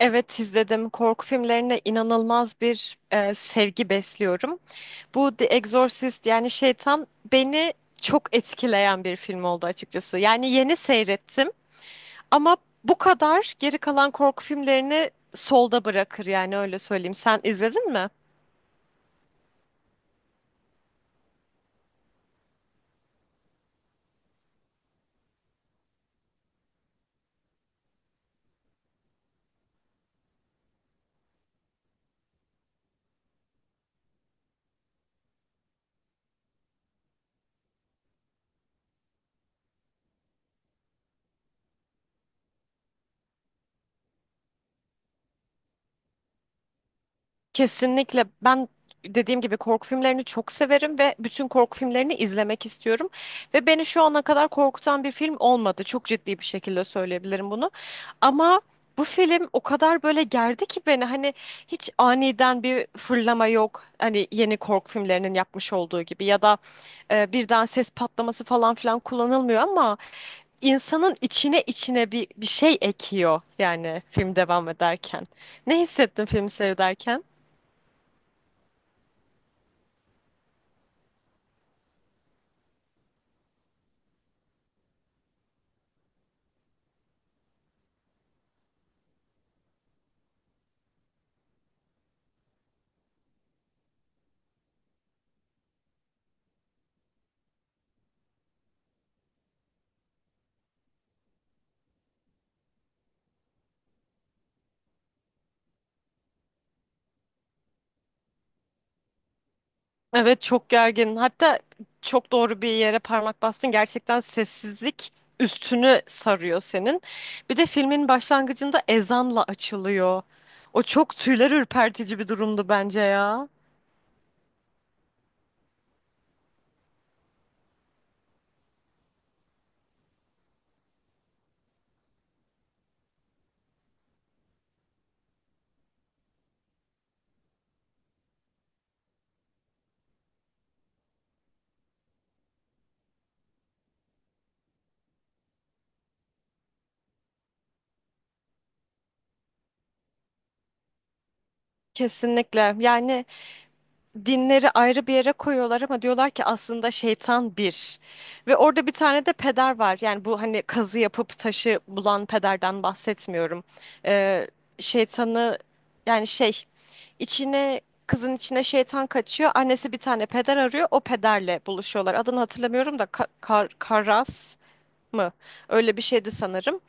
Evet, izledim. Korku filmlerine inanılmaz bir sevgi besliyorum. Bu The Exorcist, yani Şeytan, beni çok etkileyen bir film oldu açıkçası. Yani yeni seyrettim ama bu kadar geri kalan korku filmlerini solda bırakır, yani öyle söyleyeyim. Sen izledin mi? Kesinlikle. Ben, dediğim gibi, korku filmlerini çok severim ve bütün korku filmlerini izlemek istiyorum. Ve beni şu ana kadar korkutan bir film olmadı. Çok ciddi bir şekilde söyleyebilirim bunu. Ama bu film o kadar böyle gerdi ki beni, hani hiç aniden bir fırlama yok. Hani yeni korku filmlerinin yapmış olduğu gibi ya da birden ses patlaması falan filan kullanılmıyor ama insanın içine içine bir şey ekiyor yani film devam ederken. Ne hissettin film seyrederken? Evet, çok gergin. Hatta çok doğru bir yere parmak bastın. Gerçekten sessizlik üstünü sarıyor senin. Bir de filmin başlangıcında ezanla açılıyor. O çok tüyler ürpertici bir durumdu bence ya. Kesinlikle. Yani dinleri ayrı bir yere koyuyorlar ama diyorlar ki aslında şeytan bir. Ve orada bir tane de peder var. Yani bu, hani kazı yapıp taşı bulan pederden bahsetmiyorum. Ee, şeytanı, yani şey içine, kızın içine şeytan kaçıyor. Annesi bir tane peder arıyor. O pederle buluşuyorlar. Adını hatırlamıyorum da Karas mı? Öyle bir şeydi sanırım.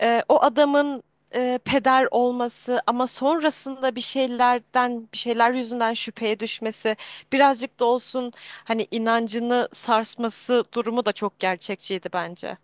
O adamın peder olması ama sonrasında bir şeylerden, bir şeyler yüzünden şüpheye düşmesi, birazcık da olsun hani inancını sarsması durumu da çok gerçekçiydi bence.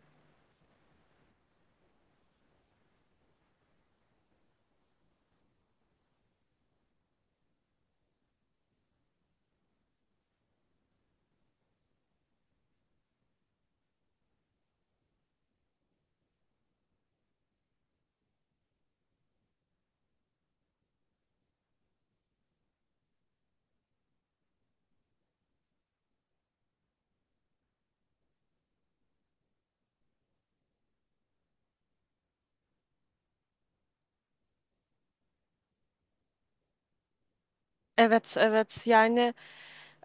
Evet, evet. Yani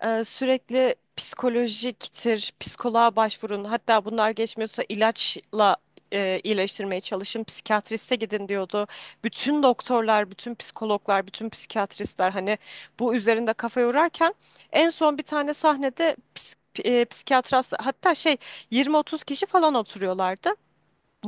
Ee, Sürekli psikolojiktir, psikoloğa başvurun. Hatta bunlar geçmiyorsa ilaçla iyileştirmeye çalışın, psikiyatriste gidin diyordu. Bütün doktorlar, bütün psikologlar, bütün psikiyatristler hani bu üzerinde kafa yorarken en son bir tane sahnede psikiyatras, hatta şey, 20-30 kişi falan oturuyorlardı.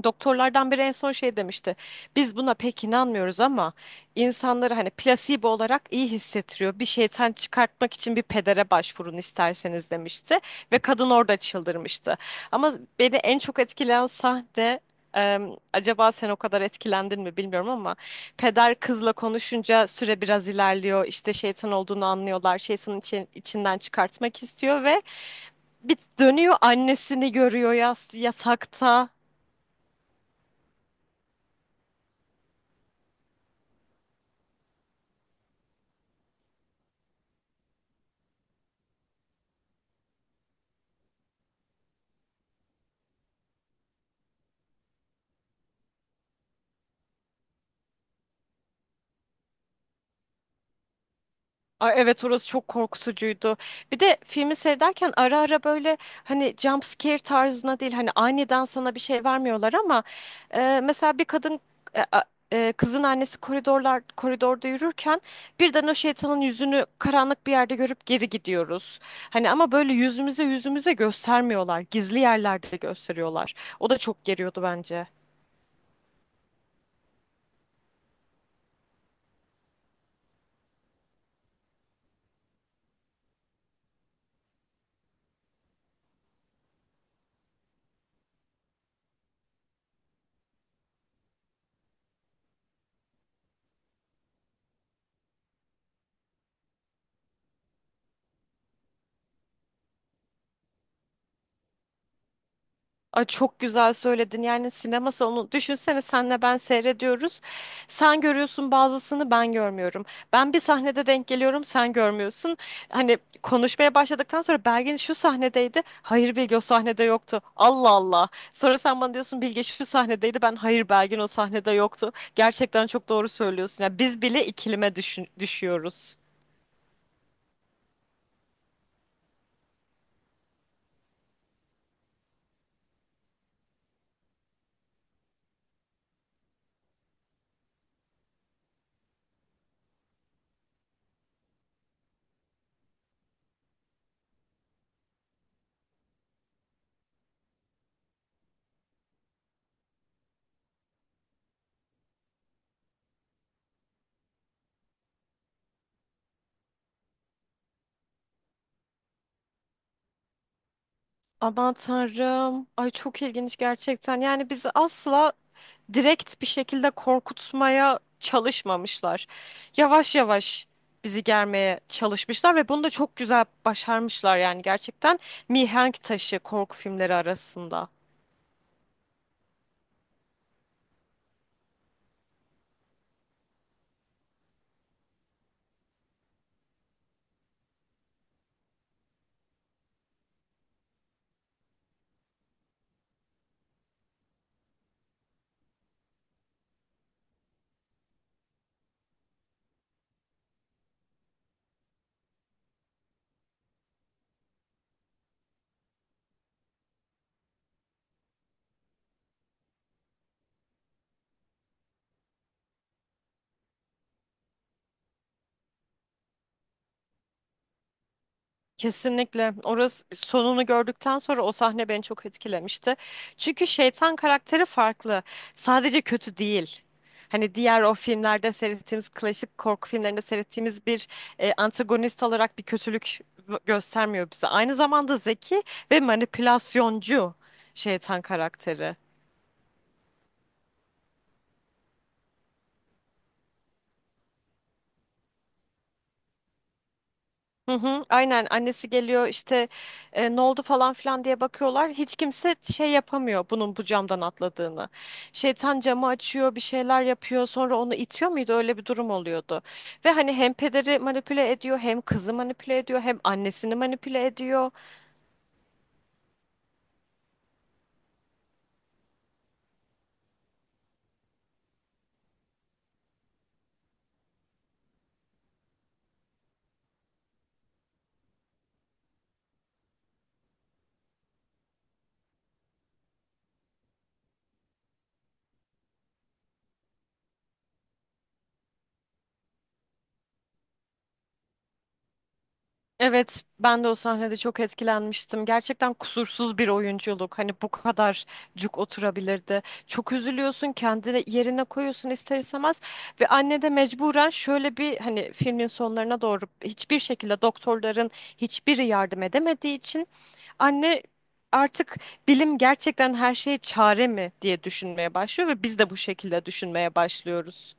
Doktorlardan biri en son şey demişti. Biz buna pek inanmıyoruz ama insanları hani plasebo olarak iyi hissettiriyor. Bir şeytan çıkartmak için bir pedere başvurun isterseniz demişti ve kadın orada çıldırmıştı. Ama beni en çok etkileyen sahne, acaba sen o kadar etkilendin mi bilmiyorum ama peder kızla konuşunca süre biraz ilerliyor. İşte şeytan olduğunu anlıyorlar. Şeytanın içinden çıkartmak istiyor ve bir dönüyor annesini görüyor yas yatakta. Ay evet, orası çok korkutucuydu. Bir de filmi seyrederken ara ara böyle hani jump scare tarzına değil, hani aniden sana bir şey vermiyorlar ama mesela bir kadın, e, a- kızın annesi koridorda yürürken birden o şeytanın yüzünü karanlık bir yerde görüp geri gidiyoruz. Hani ama böyle yüzümüze yüzümüze göstermiyorlar. Gizli yerlerde gösteriyorlar. O da çok geriyordu bence. Ay çok güzel söyledin. Yani sinema salonu, düşünsene, senle ben seyrediyoruz. Sen görüyorsun bazısını, ben görmüyorum. Ben bir sahnede denk geliyorum, sen görmüyorsun. Hani konuşmaya başladıktan sonra Belgin şu sahnedeydi. Hayır, Bilge o sahnede yoktu. Allah Allah. Sonra sen bana diyorsun Bilge şu sahnedeydi. Ben hayır, Belgin o sahnede yoktu. Gerçekten çok doğru söylüyorsun. Yani biz bile ikilime düşüyoruz. Aman tanrım. Ay çok ilginç gerçekten. Yani bizi asla direkt bir şekilde korkutmaya çalışmamışlar. Yavaş yavaş bizi germeye çalışmışlar ve bunu da çok güzel başarmışlar, yani gerçekten mihenk taşı korku filmleri arasında. Kesinlikle. Orası sonunu gördükten sonra o sahne beni çok etkilemişti. Çünkü şeytan karakteri farklı. Sadece kötü değil. Hani diğer o filmlerde seyrettiğimiz, klasik korku filmlerinde seyrettiğimiz bir antagonist olarak bir kötülük göstermiyor bize. Aynı zamanda zeki ve manipülasyoncu şeytan karakteri. Hı hı, aynen, annesi geliyor işte ne oldu falan filan diye bakıyorlar. Hiç kimse şey yapamıyor bunun bu camdan atladığını. Şeytan camı açıyor, bir şeyler yapıyor, sonra onu itiyor muydu, öyle bir durum oluyordu. Ve hani hem pederi manipüle ediyor, hem kızı manipüle ediyor, hem annesini manipüle ediyor. Evet, ben de o sahnede çok etkilenmiştim. Gerçekten kusursuz bir oyunculuk. Hani bu kadar cuk oturabilirdi. Çok üzülüyorsun, kendini yerine koyuyorsun ister istemez. Ve anne de mecburen şöyle bir, hani filmin sonlarına doğru hiçbir şekilde doktorların hiçbiri yardım edemediği için anne artık bilim gerçekten her şeye çare mi diye düşünmeye başlıyor ve biz de bu şekilde düşünmeye başlıyoruz.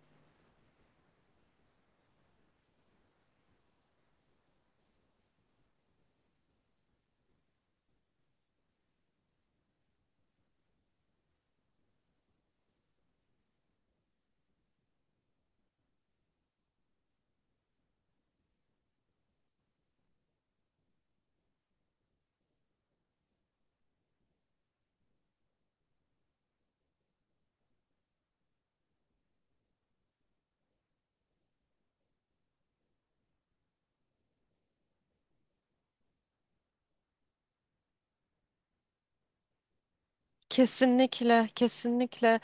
Kesinlikle, kesinlikle.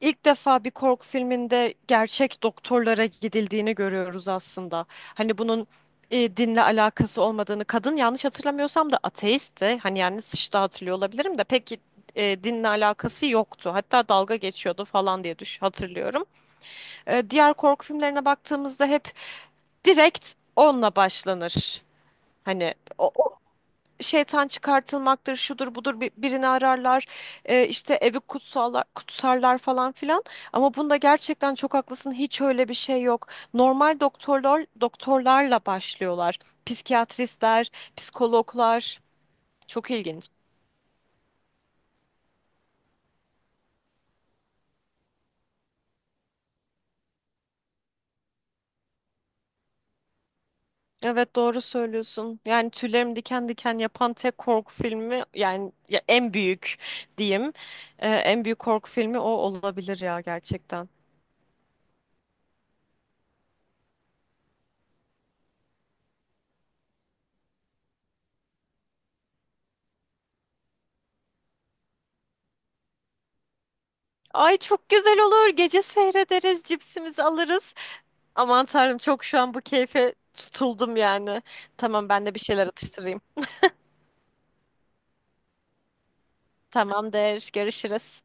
İlk defa bir korku filminde gerçek doktorlara gidildiğini görüyoruz aslında. Hani bunun dinle alakası olmadığını, kadın yanlış hatırlamıyorsam da ateistti. Hani yani sıçta hatırlıyor olabilirim de pek dinle alakası yoktu. Hatta dalga geçiyordu falan diye düş hatırlıyorum. Diğer korku filmlerine baktığımızda hep direkt onunla başlanır. Hani o, şeytan çıkartılmaktır, şudur budur, birini ararlar, işte evi kutsallar, kutsarlar falan filan. Ama bunda gerçekten çok haklısın, hiç öyle bir şey yok. Normal doktorlar, doktorlarla başlıyorlar. Psikiyatristler, psikologlar. Çok ilginç. Evet, doğru söylüyorsun. Yani tüylerim diken diken yapan tek korku filmi, yani ya en büyük diyeyim. En büyük korku filmi o olabilir ya, gerçekten. Ay çok güzel olur. Gece seyrederiz, cipsimizi alırız. Aman tanrım, çok şu an bu keyfe tutuldum yani. Tamam, ben de bir şeyler atıştırayım. Tamamdır. Görüşürüz.